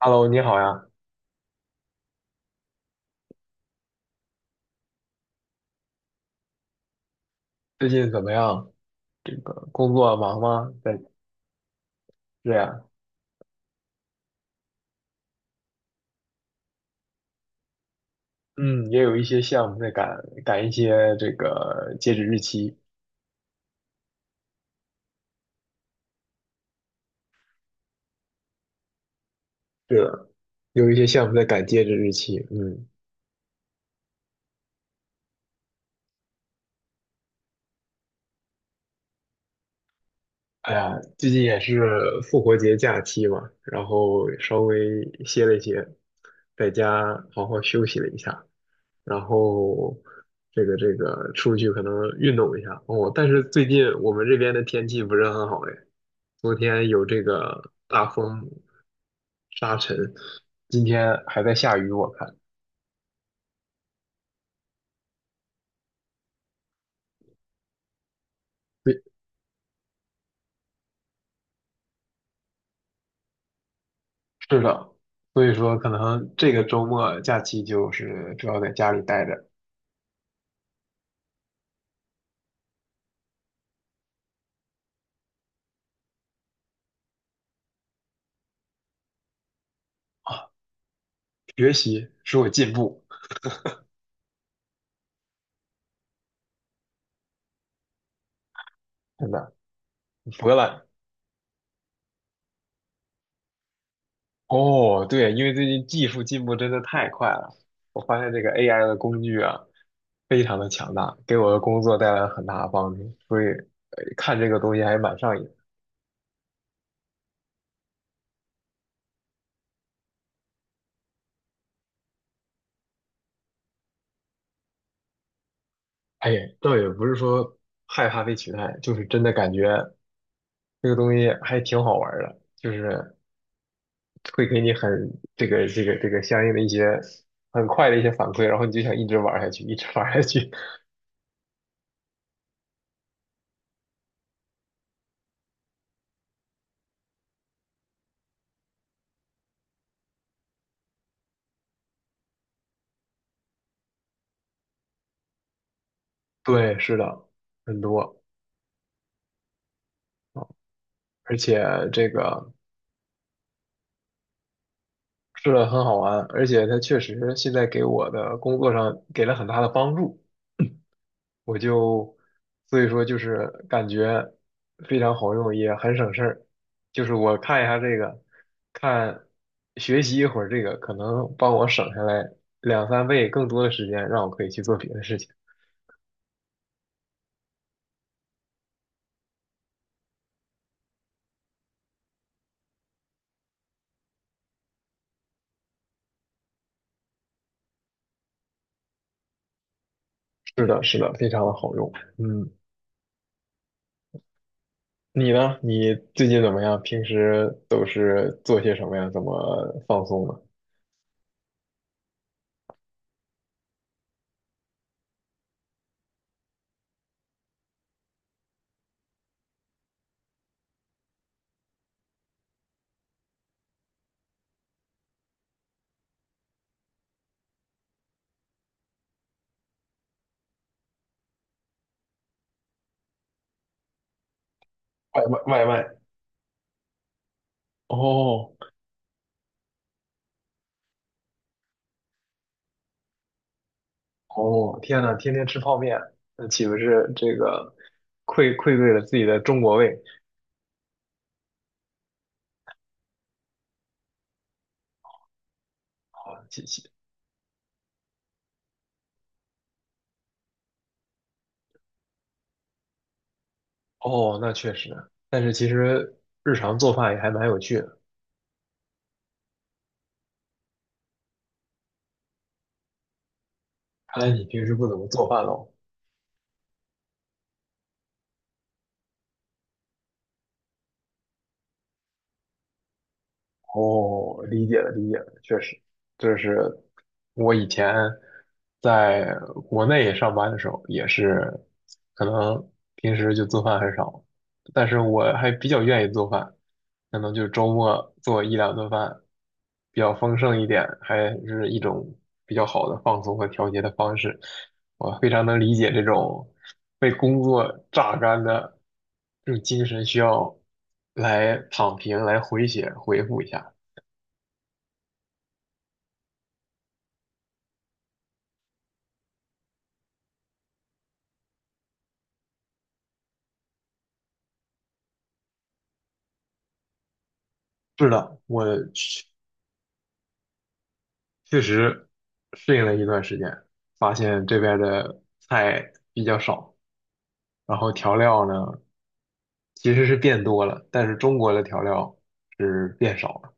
Hello，你好呀，最近怎么样？这个工作忙吗？在这样，嗯，也有一些项目在赶一些这个截止日期。是的，有一些项目在赶截止日期。嗯，哎呀，最近也是复活节假期嘛，然后稍微歇了一歇，在家好好休息了一下，然后这个出去可能运动一下哦。但是最近我们这边的天气不是很好哎，昨天有这个大风沙尘，今天还在下雨，我看。对，是的，所以说可能这个周末假期就是主要在家里待着，学习使我进步，真的。博览哦，对，因为最近技术进步真的太快了，我发现这个 AI 的工具啊，非常的强大，给我的工作带来了很大的帮助，所以看这个东西还蛮上瘾。哎，倒也不是说害怕被取代，就是真的感觉这个东西还挺好玩儿的，就是会给你很这个相应的一些很快的一些反馈，然后你就想一直玩儿下去，一直玩儿下去。对，是的，很多，而且这个。是的，很好玩，而且它确实现在给我的工作上给了很大的帮助，我就所以说就是感觉非常好用，也很省事儿。就是我看一下这个，看学习一会儿这个，可能帮我省下来两三倍更多的时间，让我可以去做别的事情。是的，是的，非常的好用。嗯，你呢？你最近怎么样？平时都是做些什么呀？怎么放松的？外卖，外卖。哦，哦，天呐，天天吃泡面，那岂不是这个愧对了自己的中国胃？好，谢谢。哦，那确实，但是其实日常做饭也还蛮有趣的。看来你平时不怎么做饭喽？哦，理解了，理解了，确实，就是我以前在国内上班的时候，也是可能平时就做饭很少，但是我还比较愿意做饭，可能就周末做一两顿饭，比较丰盛一点，还是一种比较好的放松和调节的方式。我非常能理解这种被工作榨干的这种精神需要来躺平，来回血，回复一下。是的，我确确实适应了一段时间，发现这边的菜比较少，然后调料呢其实是变多了，但是中国的调料是变少了。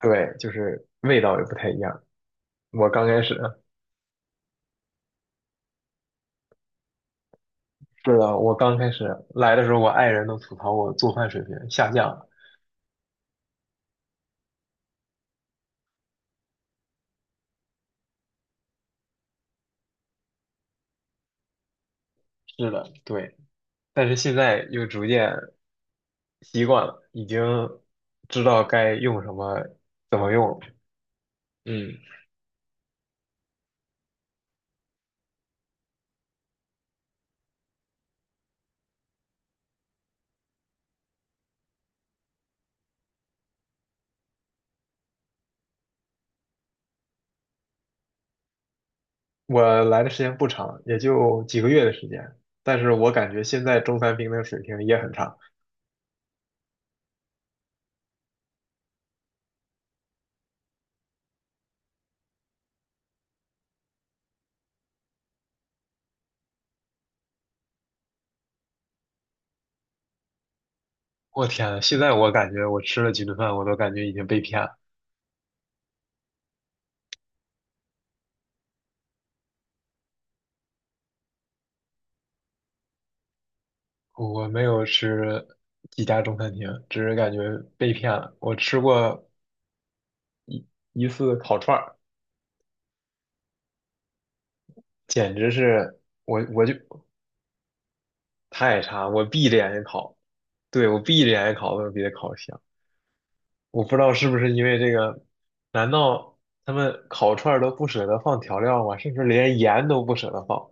对，就是味道也不太一样。我刚开始 是的，我刚开始来的时候，我爱人都吐槽我做饭水平下降了。是的，对，但是现在又逐渐习惯了，已经知道该用什么，怎么用了。嗯。我来的时间不长，也就几个月的时间，但是我感觉现在中餐厅的水平也很差。我天呐现在我感觉我吃了几顿饭，我都感觉已经被骗了。我没有吃几家中餐厅，只是感觉被骗了。我吃过一次烤串儿，简直是我就太差，我闭着眼睛烤，对，我闭着眼睛烤都比它烤香。我不知道是不是因为这个，难道他们烤串儿都不舍得放调料吗？甚至连盐都不舍得放。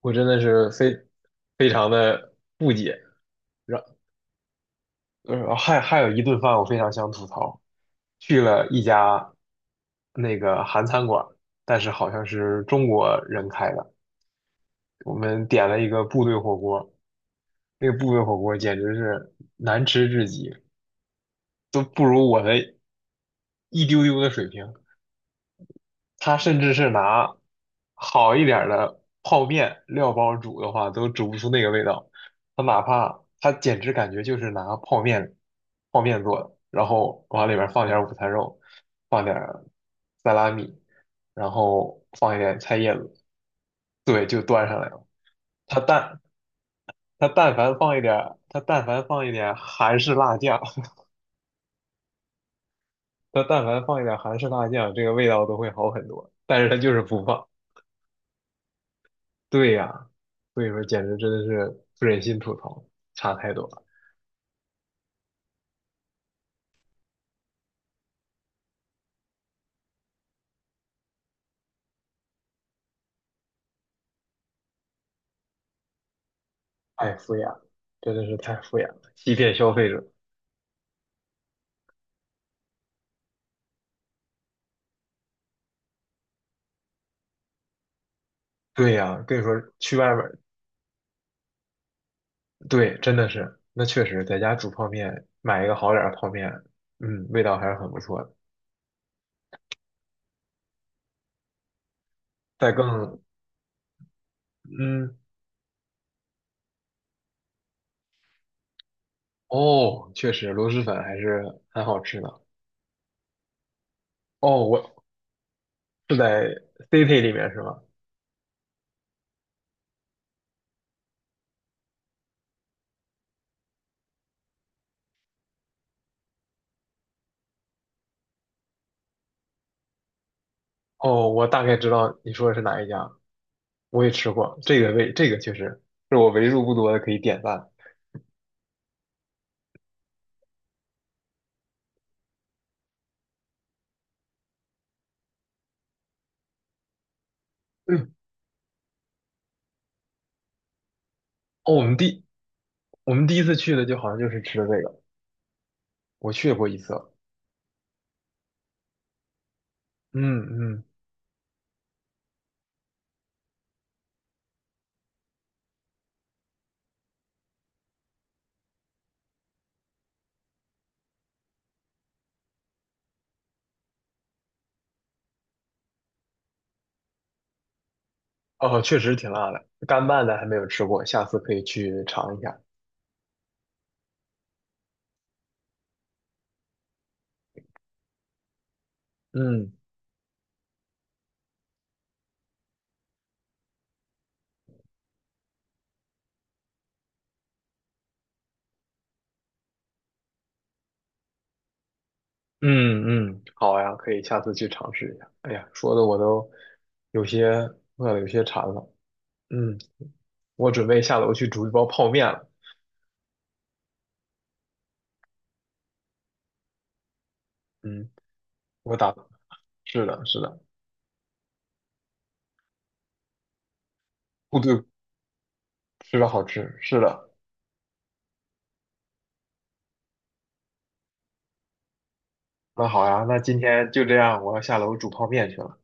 我真的是非常的不解。然还有一顿饭我非常想吐槽，去了一家那个韩餐馆，但是好像是中国人开的，我们点了一个部队火锅，那个部队火锅简直是难吃至极，都不如我的一丢丢的水平。他甚至是拿好一点儿的泡面料包煮的话，都煮不出那个味道。他哪怕他简直感觉就是拿泡面做的，然后往里面放点儿午餐肉，放点儿萨拉米，然后放一点菜叶子，对，就端上来了。他但他但凡放一点儿，他但凡放一点儿韩式辣酱，他但凡放一点儿韩式辣酱，这个味道都会好很多。但是他就是不放。对呀，所以说简直真的是不忍心吐槽，差太多了，太敷衍了，真的是太敷衍了，欺骗消费者。对呀，跟你说去外面儿对，真的是，那确实在家煮泡面，买一个好点儿的泡面，味道还是很不错的。再更，嗯，哦，确实螺蛳粉还是很好吃的。哦，我是在 City 里面是吗？哦，我大概知道你说的是哪一家，我也吃过，这个味，这个确实是我为数不多的可以点赞。嗯哦，我们第我们第一次去的就好像就是吃的这个，我去过一次，嗯嗯，哦，确实挺辣的，干拌的还没有吃过，下次可以去尝一下。嗯嗯嗯，好呀，可以下次去尝试一下。哎呀，说的我都有些饿了，有些馋了。嗯，我准备下楼去煮一包泡面了。嗯，我打，是的，是的，部队吃的好吃，是的。那好呀，那今天就这样，我要下楼煮泡面去了。